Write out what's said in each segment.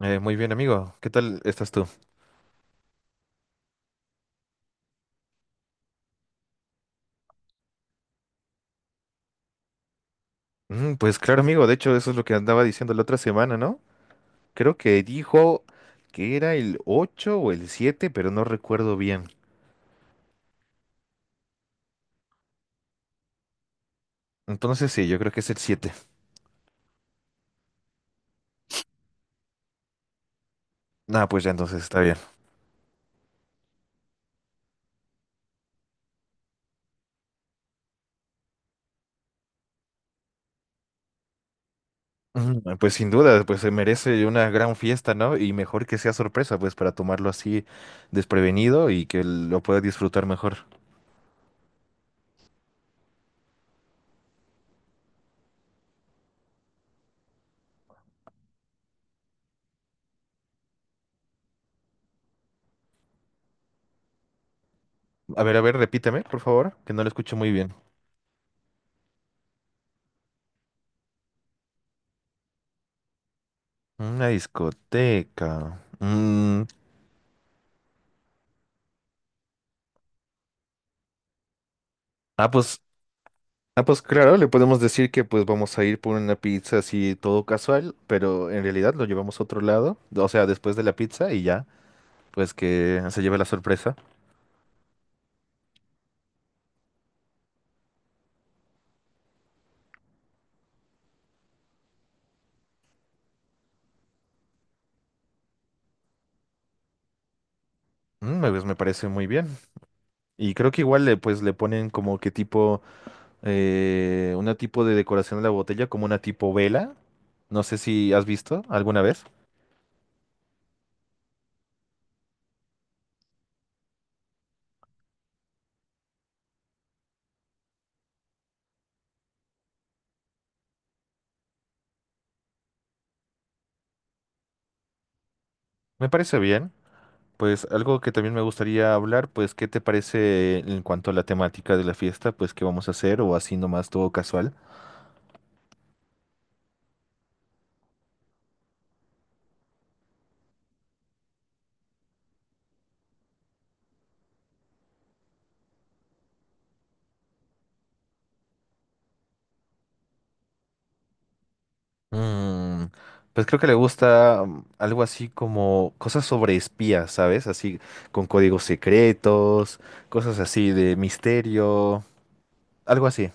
Muy bien, amigo. ¿Qué tal estás tú? Pues claro, amigo. De hecho, eso es lo que andaba diciendo la otra semana, ¿no? Creo que dijo que era el 8 o el 7, pero no recuerdo bien. Entonces sí, yo creo que es el siete. Ah, pues ya entonces está bien. Mm. Pues sin duda, pues se merece una gran fiesta, ¿no? Y mejor que sea sorpresa, pues para tomarlo así desprevenido y que lo pueda disfrutar mejor. A ver, repíteme, por favor, que no lo escucho muy bien. Una discoteca. Ah. Ah, pues claro, le podemos decir que pues vamos a ir por una pizza así todo casual, pero en realidad lo llevamos a otro lado, o sea, después de la pizza y ya, pues que se lleve la sorpresa. Mm, pues me parece muy bien. Y creo que igual le pues le ponen como que tipo, una tipo de decoración a la botella, como una tipo vela. No sé si has visto alguna vez. Me parece bien. Pues algo que también me gustaría hablar, pues ¿qué te parece en cuanto a la temática de la fiesta? Pues qué vamos a hacer o así nomás todo casual. Mm, pues creo que le gusta algo así como cosas sobre espías, ¿sabes? Así con códigos secretos, cosas así de misterio, algo así.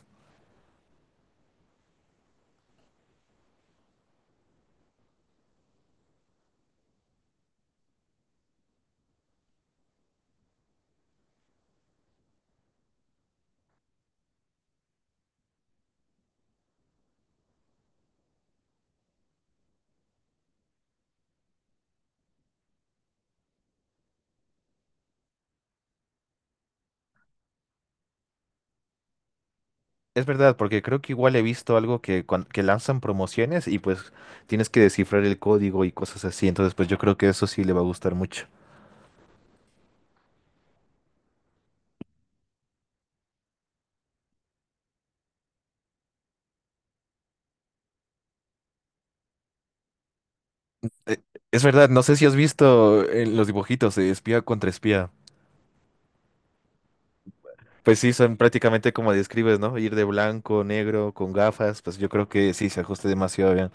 Es verdad, porque creo que igual he visto algo que, que lanzan promociones y pues tienes que descifrar el código y cosas así, entonces pues yo creo que eso sí le va a gustar mucho. Eh, Es verdad, no sé si has visto los dibujitos de espía contra espía. Pues sí, son prácticamente como describes, ¿no? Ir de blanco, negro, con gafas, pues yo creo que sí, se ajusta demasiado bien.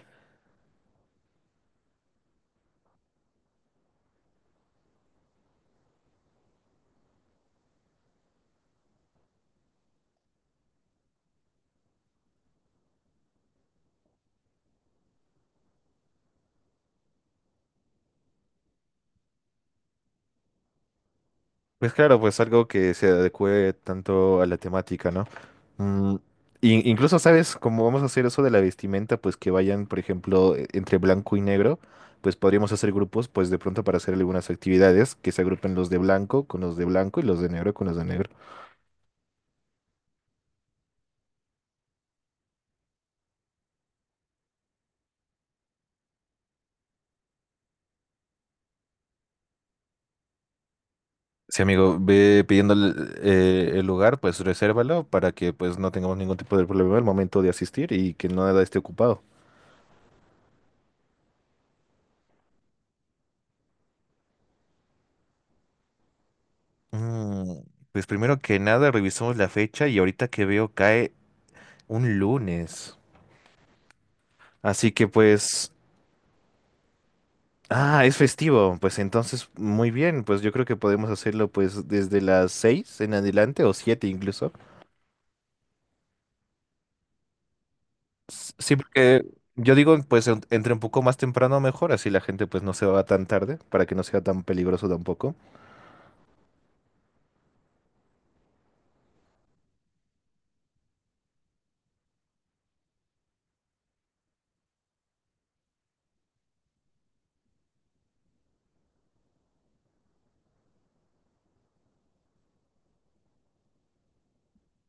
Pues claro, pues algo que se adecue tanto a la temática, ¿no? Mm, incluso, ¿sabes? Como vamos a hacer eso de la vestimenta, pues que vayan, por ejemplo, entre blanco y negro, pues podríamos hacer grupos, pues de pronto para hacer algunas actividades, que se agrupen los de blanco con los de blanco y los de negro con los de negro. Sí, amigo, ve pidiendo el lugar, pues resérvalo para que pues no tengamos ningún tipo de problema al momento de asistir y que nada esté ocupado. Mm, pues primero que nada revisamos la fecha y ahorita que veo cae un lunes. Así que pues, ah, es festivo. Pues entonces, muy bien, pues yo creo que podemos hacerlo pues desde las seis en adelante o siete incluso. Sí, porque yo digo, pues entre un poco más temprano mejor, así la gente pues no se va tan tarde, para que no sea tan peligroso tampoco.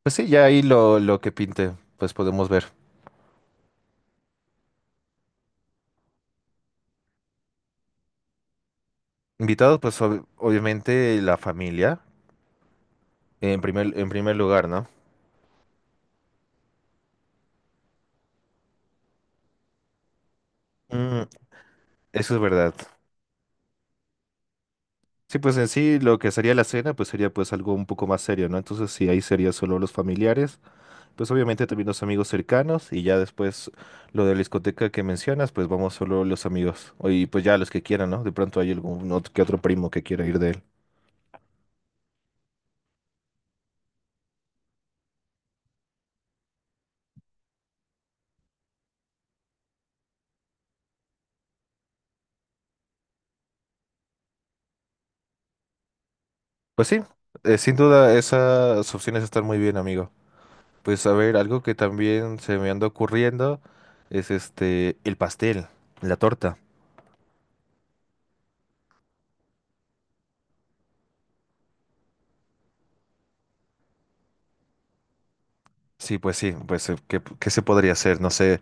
Pues sí, ya ahí lo que pinte, pues podemos ver. Invitados, pues obviamente la familia, en primer lugar, ¿no? Mm, eso es verdad. Sí, pues en sí lo que sería la cena, pues sería pues algo un poco más serio, ¿no? Entonces sí, ahí sería solo los familiares, pues obviamente también los amigos cercanos y ya después lo de la discoteca que mencionas, pues vamos solo los amigos y pues ya los que quieran, ¿no? De pronto hay algún otro, que otro primo que quiera ir de él. Pues sí, sin duda esas opciones están muy bien, amigo. Pues a ver, algo que también se me anda ocurriendo es este, el pastel, la torta. Sí, pues ¿qué, qué se podría hacer? No sé.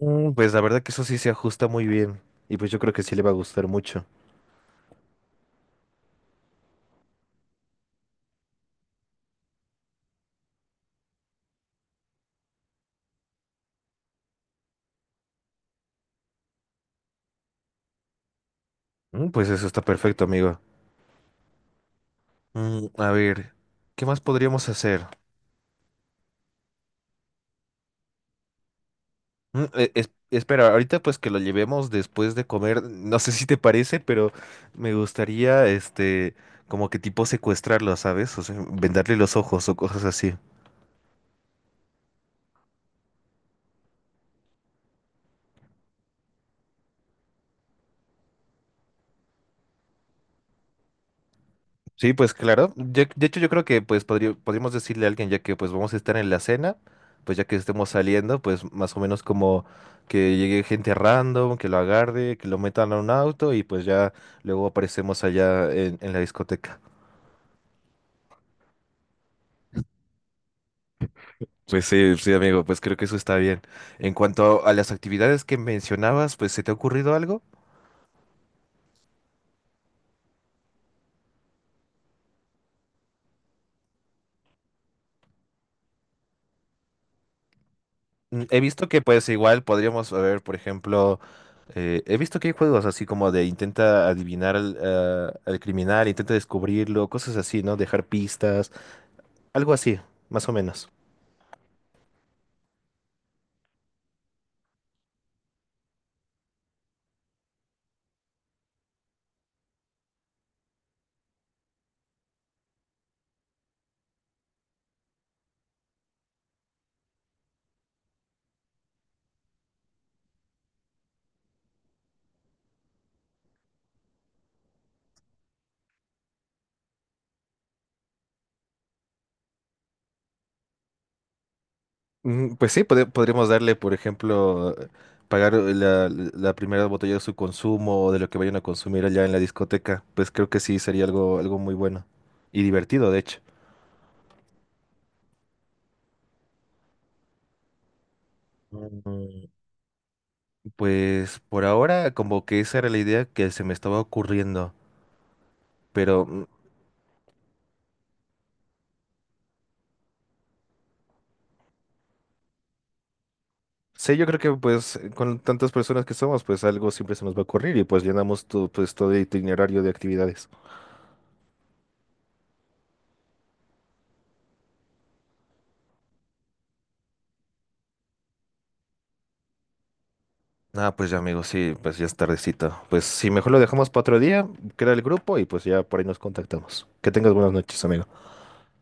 Mm. Pues la verdad que eso sí se ajusta muy bien. Y pues yo creo que sí le va a gustar mucho. Mm. Pues eso está perfecto, amigo. Mm, a ver, ¿qué más podríamos hacer? Mm, espera, ahorita pues que lo llevemos después de comer, no sé si te parece, pero me gustaría, este, como que tipo secuestrarlo, ¿sabes? O sea, vendarle los ojos o cosas así. Sí, pues claro. De hecho, yo creo que pues podríamos decirle a alguien, ya que pues vamos a estar en la cena, pues ya que estemos saliendo, pues más o menos como que llegue gente random, que lo agarre, que lo metan a un auto y pues ya luego aparecemos allá en la discoteca. Pues sí, sí, amigo, pues creo que eso está bien. En cuanto a las actividades que mencionabas, pues ¿se te ha ocurrido algo? Mm. He visto que pues igual podríamos ver, por ejemplo, he visto que hay juegos así como de intenta adivinar al criminal, intenta descubrirlo, cosas así, ¿no? Dejar pistas, algo así, más o menos. Mm. Pues sí, podríamos darle, por ejemplo, pagar la, la primera botella de su consumo o de lo que vayan a consumir allá en la discoteca. Pues creo que sí sería algo, algo muy bueno y divertido, de hecho. Mm. Pues por ahora como que esa era la idea que se me estaba ocurriendo, pero sí, yo creo que pues con tantas personas que somos, pues algo siempre se nos va a ocurrir y pues llenamos todo, pues, todo el itinerario de actividades. Ah, pues ya amigos, sí, pues ya es tardecito. Pues sí, mejor lo dejamos para otro día, crea el grupo y pues ya por ahí nos contactamos. Que tengas buenas noches, amigo.